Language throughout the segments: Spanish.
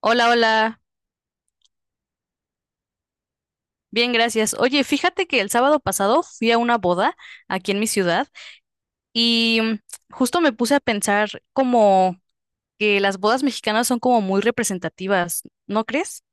Hola, hola. Bien, gracias. Oye, fíjate que el sábado pasado fui a una boda aquí en mi ciudad y justo me puse a pensar como que las bodas mexicanas son como muy representativas, ¿no crees?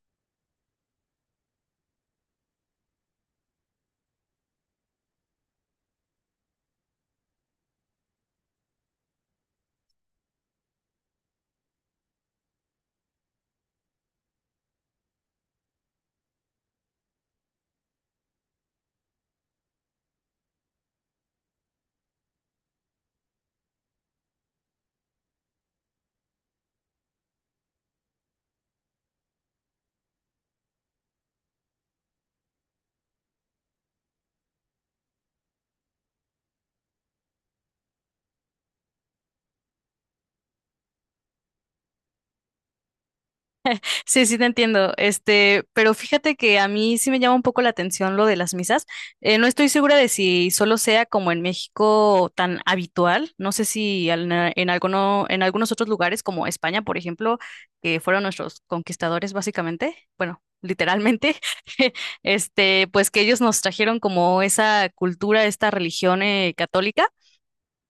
Sí, sí te entiendo. Este, pero fíjate que a mí sí me llama un poco la atención lo de las misas. No estoy segura de si solo sea como en México tan habitual. No sé si al- en alguno, en algunos otros lugares como España, por ejemplo, que fueron nuestros conquistadores básicamente, bueno, literalmente, este, pues que ellos nos trajeron como esa cultura, esta religión católica,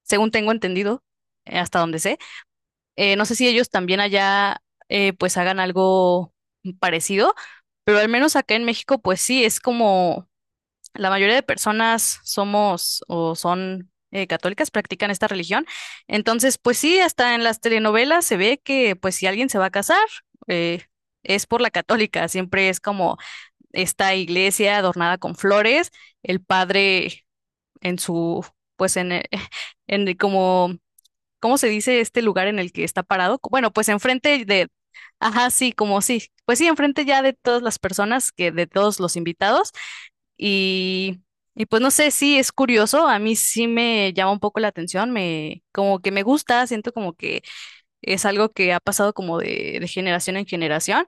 según tengo entendido, hasta donde sé. No sé si ellos también allá pues hagan algo parecido, pero al menos acá en México pues sí, es como la mayoría de personas somos o son católicas, practican esta religión. Entonces pues sí, hasta en las telenovelas se ve que pues si alguien se va a casar, eh, es por la católica, siempre es como esta iglesia adornada con flores, el padre en su pues en como ¿cómo se dice este lugar en el que está parado? Bueno, pues enfrente de, ajá, sí, como sí, pues sí, enfrente ya de todas las personas, que de todos los invitados y, y pues no sé, sí, es curioso, a mí sí me llama un poco la atención, me, como que me gusta, siento como que es algo que ha pasado como de generación en generación.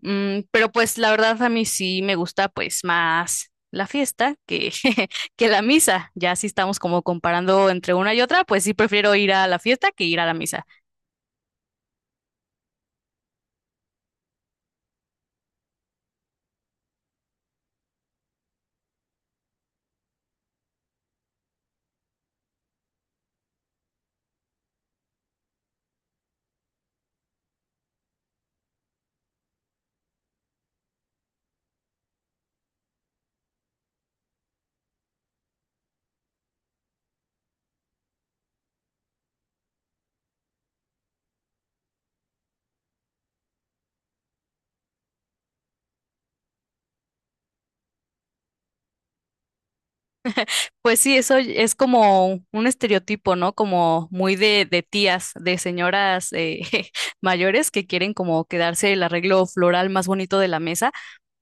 Mm, pero pues la verdad a mí sí me gusta pues más la fiesta que, que la misa. Ya si estamos como comparando entre una y otra, pues sí prefiero ir a la fiesta que ir a la misa. Pues sí, eso es como un estereotipo, ¿no? Como muy de tías, de señoras mayores que quieren como quedarse el arreglo floral más bonito de la mesa.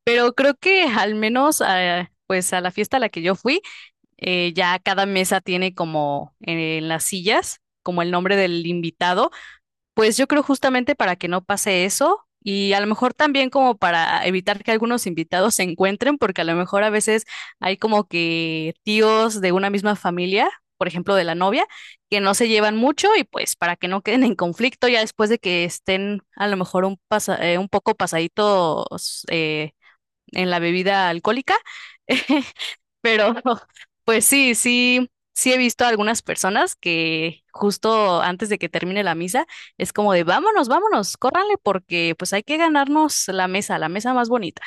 Pero creo que al menos pues a la fiesta a la que yo fui, ya cada mesa tiene como en las sillas, como el nombre del invitado, pues yo creo justamente para que no pase eso y a lo mejor también como para evitar que algunos invitados se encuentren, porque a lo mejor a veces hay como que tíos de una misma familia, por ejemplo, de la novia, que no se llevan mucho y pues para que no queden en conflicto ya después de que estén a lo mejor un poco pasaditos en la bebida alcohólica. Pero pues sí, sí, sí he visto a algunas personas que justo antes de que termine la misa es como de vámonos, vámonos, córranle porque pues hay que ganarnos la mesa más bonita.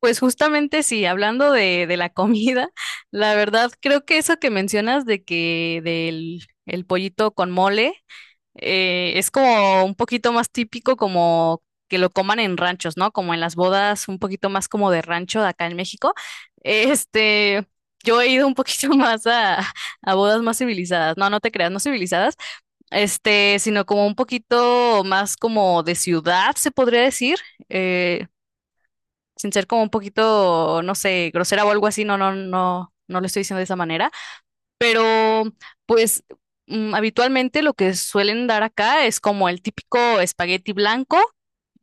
Pues justamente sí, hablando de la comida, la verdad creo que eso que mencionas de que del el pollito con mole. Es como un poquito más típico como que lo coman en ranchos, ¿no? Como en las bodas, un poquito más como de rancho de acá en México. Este, yo he ido un poquito más a bodas más civilizadas, no, no te creas, no civilizadas, este, sino como un poquito más como de ciudad, se podría decir, eh, sin ser como un poquito, no sé, grosera o algo así, no, no, no, no lo estoy diciendo de esa manera. Pero, pues, mm, habitualmente lo que suelen dar acá es como el típico espagueti blanco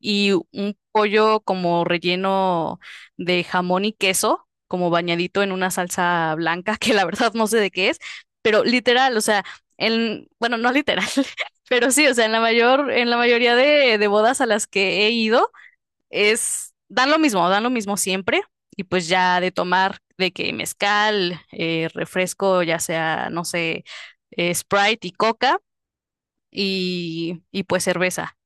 y un pollo como relleno de jamón y queso, como bañadito en una salsa blanca, que la verdad no sé de qué es, pero literal, o sea, en, bueno, no literal, pero sí, o sea, en la mayor, en la mayoría de bodas a las que he ido, es, dan lo mismo siempre. Y pues ya de tomar de que mezcal, refresco, ya sea, no sé, Sprite y coca y pues cerveza.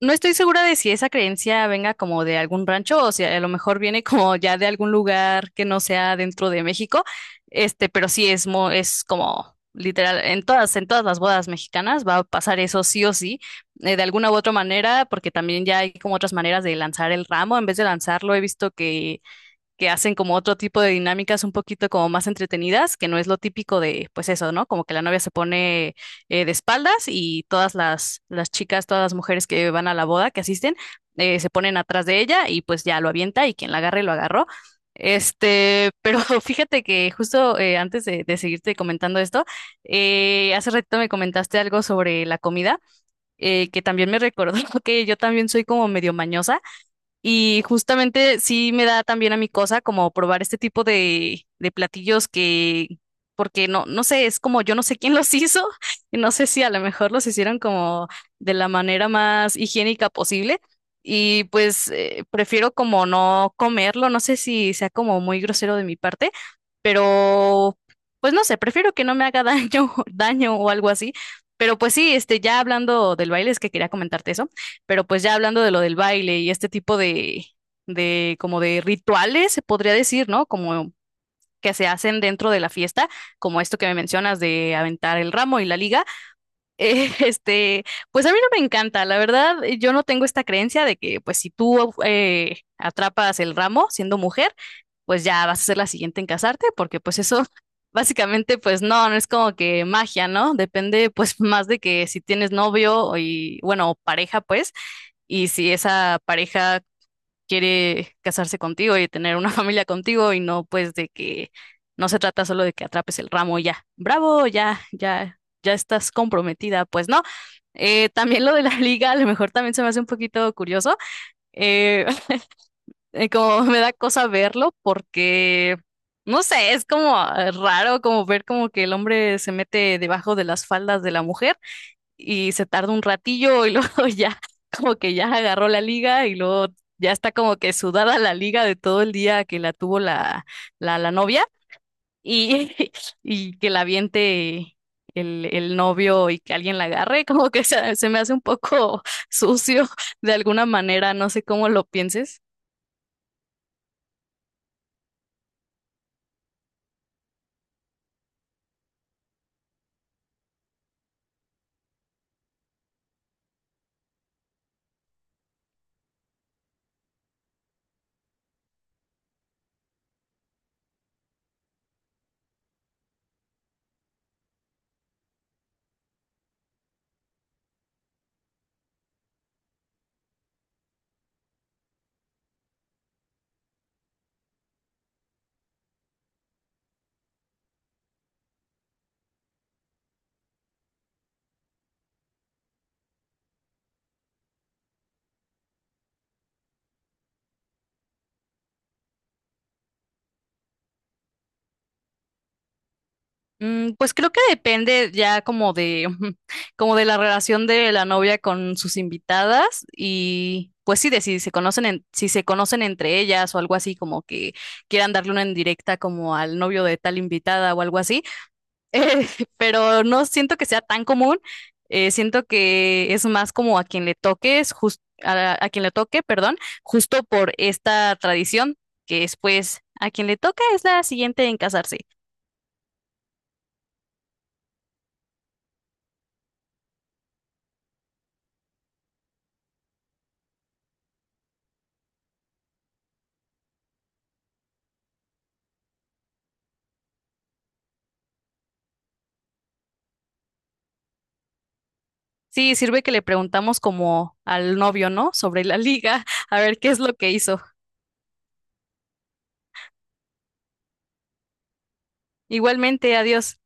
No estoy segura de si esa creencia venga como de algún rancho o si a lo mejor viene como ya de algún lugar que no sea dentro de México, este, pero sí es, es como literal, en todas las bodas mexicanas va a pasar eso sí o sí, de alguna u otra manera, porque también ya hay como otras maneras de lanzar el ramo, en vez de lanzarlo he visto que hacen como otro tipo de dinámicas un poquito como más entretenidas, que no es lo típico de, pues eso, ¿no? Como que la novia se pone de espaldas y todas las chicas, todas las mujeres que van a la boda, que asisten, se ponen atrás de ella y pues ya lo avienta y quien la agarre lo agarró. Este, pero fíjate que justo antes de seguirte comentando esto, hace ratito me comentaste algo sobre la comida, que también me recordó que yo también soy como medio mañosa. Y justamente sí me da también a mi cosa como probar este tipo de platillos que, porque no, no sé, es como yo no sé quién los hizo, y no sé si a lo mejor los hicieron como de la manera más higiénica posible. Y pues prefiero como no comerlo, no sé si sea como muy grosero de mi parte, pero pues no sé, prefiero que no me haga daño, daño o algo así. Pero pues sí, este, ya hablando del baile, es que quería comentarte eso. Pero pues ya hablando de lo del baile y este tipo de como de rituales, se podría decir, ¿no? Como que se hacen dentro de la fiesta, como esto que me mencionas de aventar el ramo y la liga. Este, pues a mí no me encanta, la verdad, yo no tengo esta creencia de que pues si tú atrapas el ramo siendo mujer, pues ya vas a ser la siguiente en casarte, porque pues eso básicamente pues no, no es como que magia, ¿no? Depende pues más de que si tienes novio y bueno, o pareja pues, y si esa pareja quiere casarse contigo y tener una familia contigo y no pues de que no se trata solo de que atrapes el ramo y ya, bravo, ya, ya, ya estás comprometida, pues no. También lo de la liga, a lo mejor también se me hace un poquito curioso, eh, como me da cosa verlo porque, no sé, es como raro como ver como que el hombre se mete debajo de las faldas de la mujer y se tarda un ratillo y luego ya como que ya agarró la liga y luego ya está como que sudada la liga de todo el día que la tuvo la novia y, y que la aviente el novio y que alguien la agarre, como que se me hace un poco sucio de alguna manera, no sé cómo lo pienses. Mm, pues creo que depende ya como de, como de la relación de la novia con sus invitadas y pues sí, de si se conocen, si se conocen entre ellas o algo así, como que quieran darle una indirecta como al novio de tal invitada o algo así. Eh, pero no siento que sea tan común, siento que es más como a quien le toques, a quien le toque, perdón, justo por esta tradición, que es pues a quien le toca es la siguiente en casarse. Sí, sirve que le preguntamos como al novio, ¿no? Sobre la liga, a ver qué es lo que hizo. Igualmente, adiós.